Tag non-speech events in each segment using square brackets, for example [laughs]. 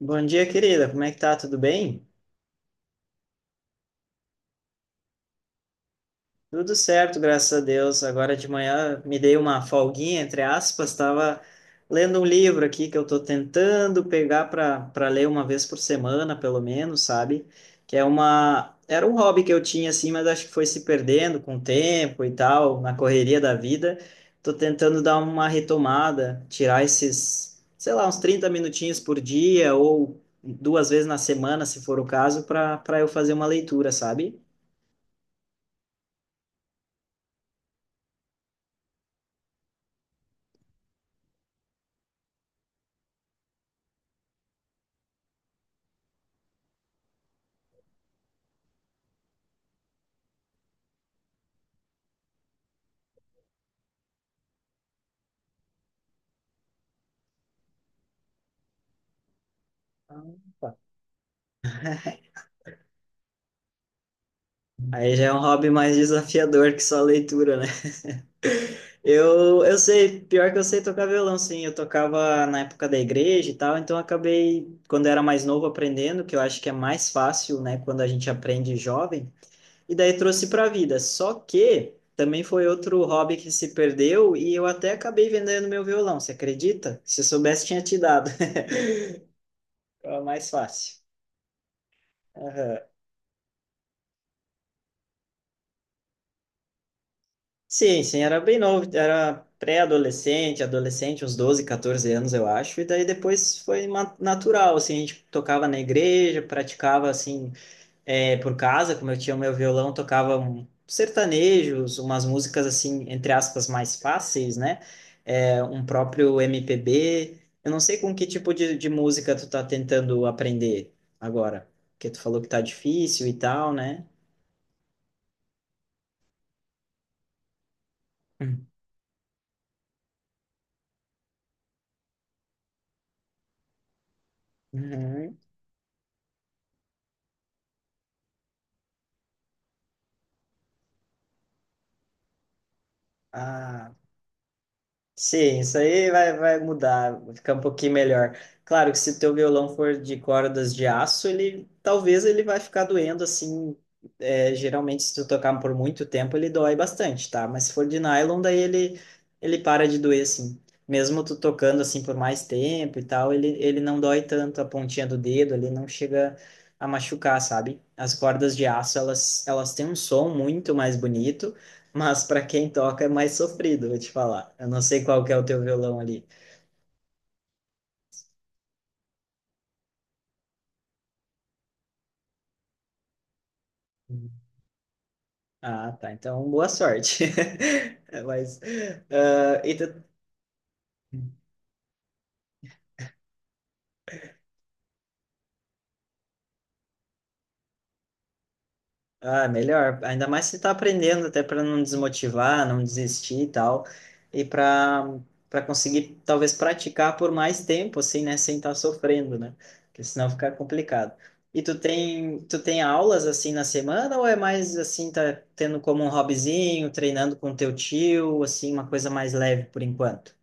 Bom dia, querida. Como é que tá? Tudo bem? Tudo certo, graças a Deus. Agora de manhã me dei uma folguinha, entre aspas, estava lendo um livro aqui que eu estou tentando pegar para ler uma vez por semana, pelo menos, sabe? Que é uma era um hobby que eu tinha assim, mas acho que foi se perdendo com o tempo e tal, na correria da vida. Estou tentando dar uma retomada, tirar esses, sei lá, uns 30 minutinhos por dia ou duas vezes na semana, se for o caso, para eu fazer uma leitura, sabe? Ah, aí já é um hobby mais desafiador que só a leitura, né? Eu sei, pior que eu sei tocar violão, sim. Eu tocava na época da igreja e tal, então eu acabei, quando eu era mais novo, aprendendo, que eu acho que é mais fácil, né, quando a gente aprende jovem. E daí trouxe para a vida. Só que também foi outro hobby que se perdeu e eu até acabei vendendo meu violão, você acredita? Se eu soubesse, tinha te dado. [laughs] Era mais fácil. Aham. Sim, sim, era bem novo, era pré-adolescente, adolescente, uns 12 14 anos, eu acho, e daí depois foi natural, assim, a gente tocava na igreja, praticava, assim, por casa, como eu tinha o meu violão, tocava um, sertanejos, umas músicas, assim, entre aspas, mais fáceis, né, um próprio MPB, eu não sei com que tipo de música tu tá tentando aprender agora, porque tu falou que tá difícil e tal, né? Uhum. Ah, sim, isso aí vai mudar, vai ficar um pouquinho melhor. Claro que se teu violão for de cordas de aço, ele talvez ele vai ficar doendo assim. Geralmente, se tu tocar por muito tempo, ele dói bastante, tá? Mas se for de nylon, daí ele para de doer, assim. Mesmo tu tocando assim por mais tempo e tal, ele não dói tanto a pontinha do dedo, ele não chega a machucar, sabe? As cordas de aço, elas têm um som muito mais bonito. Mas para quem toca é mais sofrido, vou te falar. Eu não sei qual que é o teu violão ali. Ah, tá. Então, boa sorte. [laughs] Mas, ah, e tu ah, melhor. Ainda mais se tá aprendendo, até para não desmotivar, não desistir e tal. E para conseguir, talvez, praticar por mais tempo, assim, né? Sem estar sofrendo, né? Porque senão fica complicado. E tu tem aulas, assim, na semana? Ou é mais, assim, tá tendo como um hobbyzinho, treinando com teu tio, assim, uma coisa mais leve por enquanto?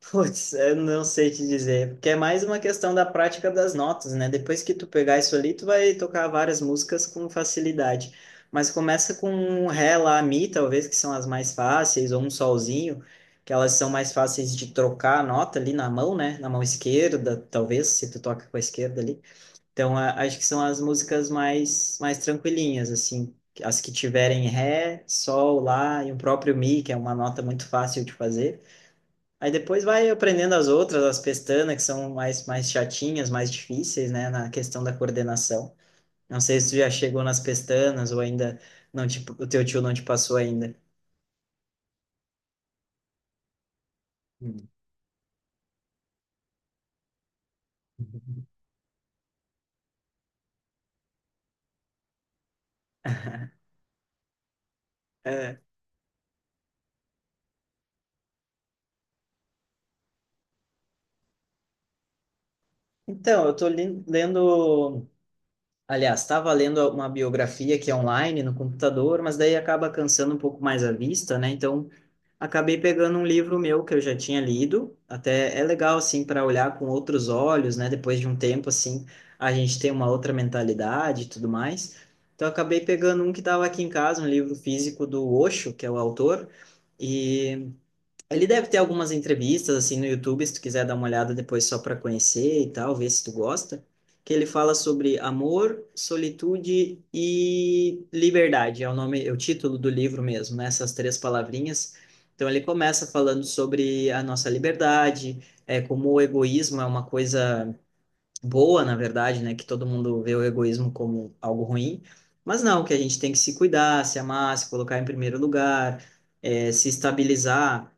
Putz, eu não sei te dizer, porque é mais uma questão da prática das notas, né? Depois que tu pegar isso ali, tu vai tocar várias músicas com facilidade. Mas começa com um ré, lá, mi, talvez, que são as mais fáceis, ou um solzinho, que elas são mais fáceis de trocar a nota ali na mão, né? Na mão esquerda, talvez, se tu toca com a esquerda ali. Então, acho que são as músicas mais tranquilinhas, assim. As que tiverem ré, sol, lá, e o próprio mi, que é uma nota muito fácil de fazer. Aí depois vai aprendendo as outras, as pestanas, que são mais chatinhas, mais difíceis, né, na questão da coordenação. Não sei se tu já chegou nas pestanas ou ainda não te, o teu tio não te passou ainda. Hum. [laughs] É. Então, eu tô lendo, aliás, estava lendo uma biografia que é online no computador, mas daí acaba cansando um pouco mais a vista, né? Então, acabei pegando um livro meu que eu já tinha lido. Até é legal assim para olhar com outros olhos, né? Depois de um tempo assim, a gente tem uma outra mentalidade e tudo mais. Então eu acabei pegando um que estava aqui em casa, um livro físico do Osho, que é o autor, e ele deve ter algumas entrevistas assim no YouTube, se tu quiser dar uma olhada depois só para conhecer e tal, ver se tu gosta, que ele fala sobre amor, solitude e liberdade. É o nome, é o título do livro mesmo, né? Essas três palavrinhas. Então ele começa falando sobre a nossa liberdade, como o egoísmo é uma coisa boa, na verdade, né? Que todo mundo vê o egoísmo como algo ruim, mas não, que a gente tem que se cuidar, se amar, se colocar em primeiro lugar, se estabilizar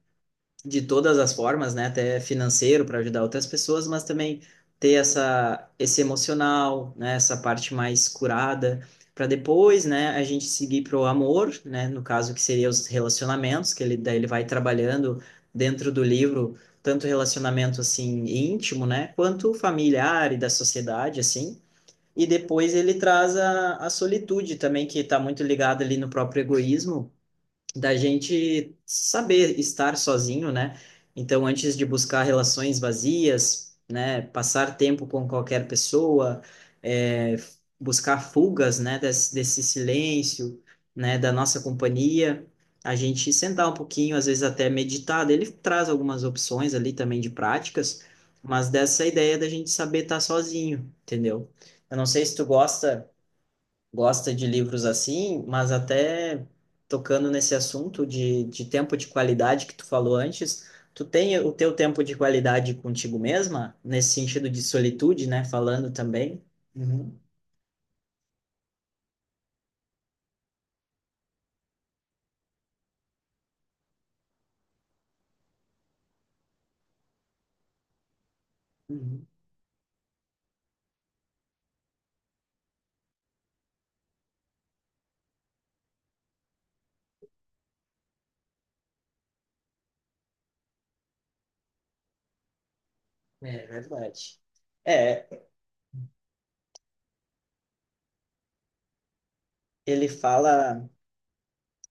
de todas as formas, né? Até financeiro para ajudar outras pessoas, mas também ter essa esse emocional, né? Essa parte mais curada para depois, né? A gente seguir pro amor, né? No caso que seria os relacionamentos, que ele daí ele vai trabalhando dentro do livro tanto relacionamento assim íntimo, né? Quanto familiar e da sociedade, assim. E depois ele traz a solitude também, que está muito ligada ali no próprio egoísmo da gente saber estar sozinho, né? Então, antes de buscar relações vazias, né, passar tempo com qualquer pessoa, é, buscar fugas, né, desse silêncio, né, da nossa companhia, a gente sentar um pouquinho, às vezes até meditar. Ele traz algumas opções ali também de práticas, mas dessa ideia da gente saber estar sozinho, entendeu? Eu não sei se tu gosta de livros assim, mas até tocando nesse assunto de tempo de qualidade que tu falou antes, tu tem o teu tempo de qualidade contigo mesma, nesse sentido de solitude, né? Falando também. Uhum, uhum. É verdade. É, ele fala.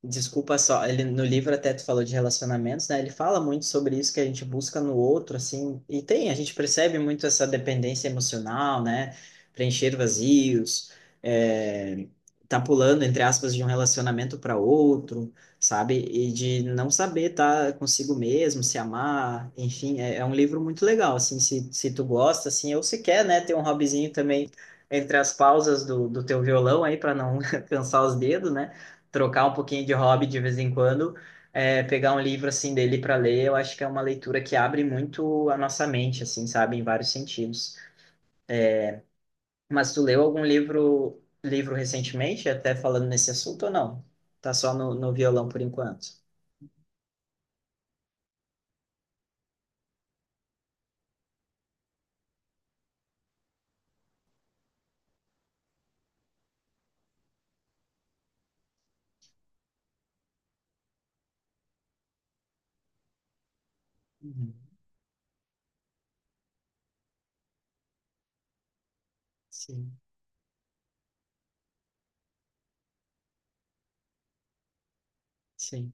Desculpa só, ele no livro até tu falou de relacionamentos, né? Ele fala muito sobre isso que a gente busca no outro, assim, e tem, a gente percebe muito essa dependência emocional, né? Preencher vazios, é, tá pulando, entre aspas, de um relacionamento para outro, sabe? E de não saber tá consigo mesmo, se amar, enfim, é um livro muito legal, assim, se tu gosta, assim, ou se quer, né, ter um hobbyzinho também entre as pausas do teu violão aí para não [laughs] cansar os dedos, né? Trocar um pouquinho de hobby de vez em quando, pegar um livro assim dele para ler, eu acho que é uma leitura que abre muito a nossa mente, assim, sabe, em vários sentidos. Mas tu leu algum livro recentemente, até falando nesse assunto ou não? Tá só no violão por enquanto. Uhum. Sim, sim.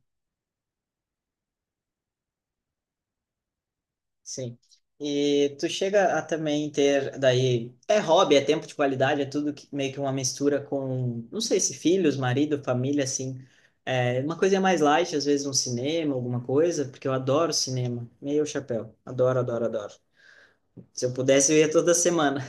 Sim. E tu chega a também ter, daí, é hobby, é tempo de qualidade, é tudo que, meio que uma mistura com, não sei se filhos, marido, família, assim. É, uma coisa mais light, às vezes um cinema, alguma coisa, porque eu adoro cinema, meio chapéu. Adoro, adoro, adoro. Se eu pudesse, eu ia toda semana.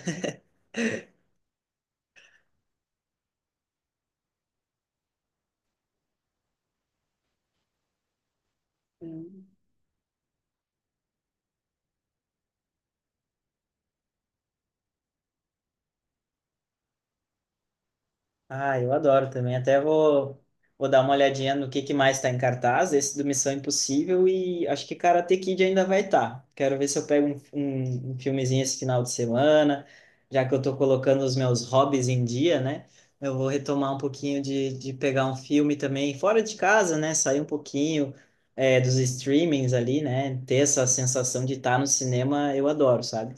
Ah, eu adoro também. Até vou dar uma olhadinha no que mais está em cartaz. Esse do Missão Impossível e acho que Karate Kid ainda vai estar. Quero ver se eu pego um filmezinho esse final de semana, já que eu estou colocando os meus hobbies em dia, né? Eu vou retomar um pouquinho de pegar um filme também fora de casa, né? Sair um pouquinho dos streamings ali, né? Ter essa sensação de estar no cinema, eu adoro, sabe?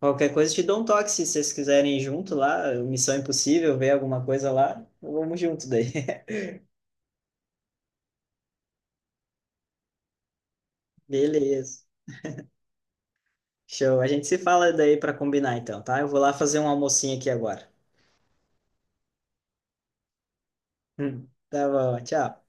Qualquer coisa, te dou um toque se vocês quiserem ir junto lá, Missão Impossível, ver alguma coisa lá, vamos junto daí. [laughs] Beleza. Show. A gente se fala daí para combinar então, tá? Eu vou lá fazer um almocinho aqui agora. Hum. Tá bom, tchau.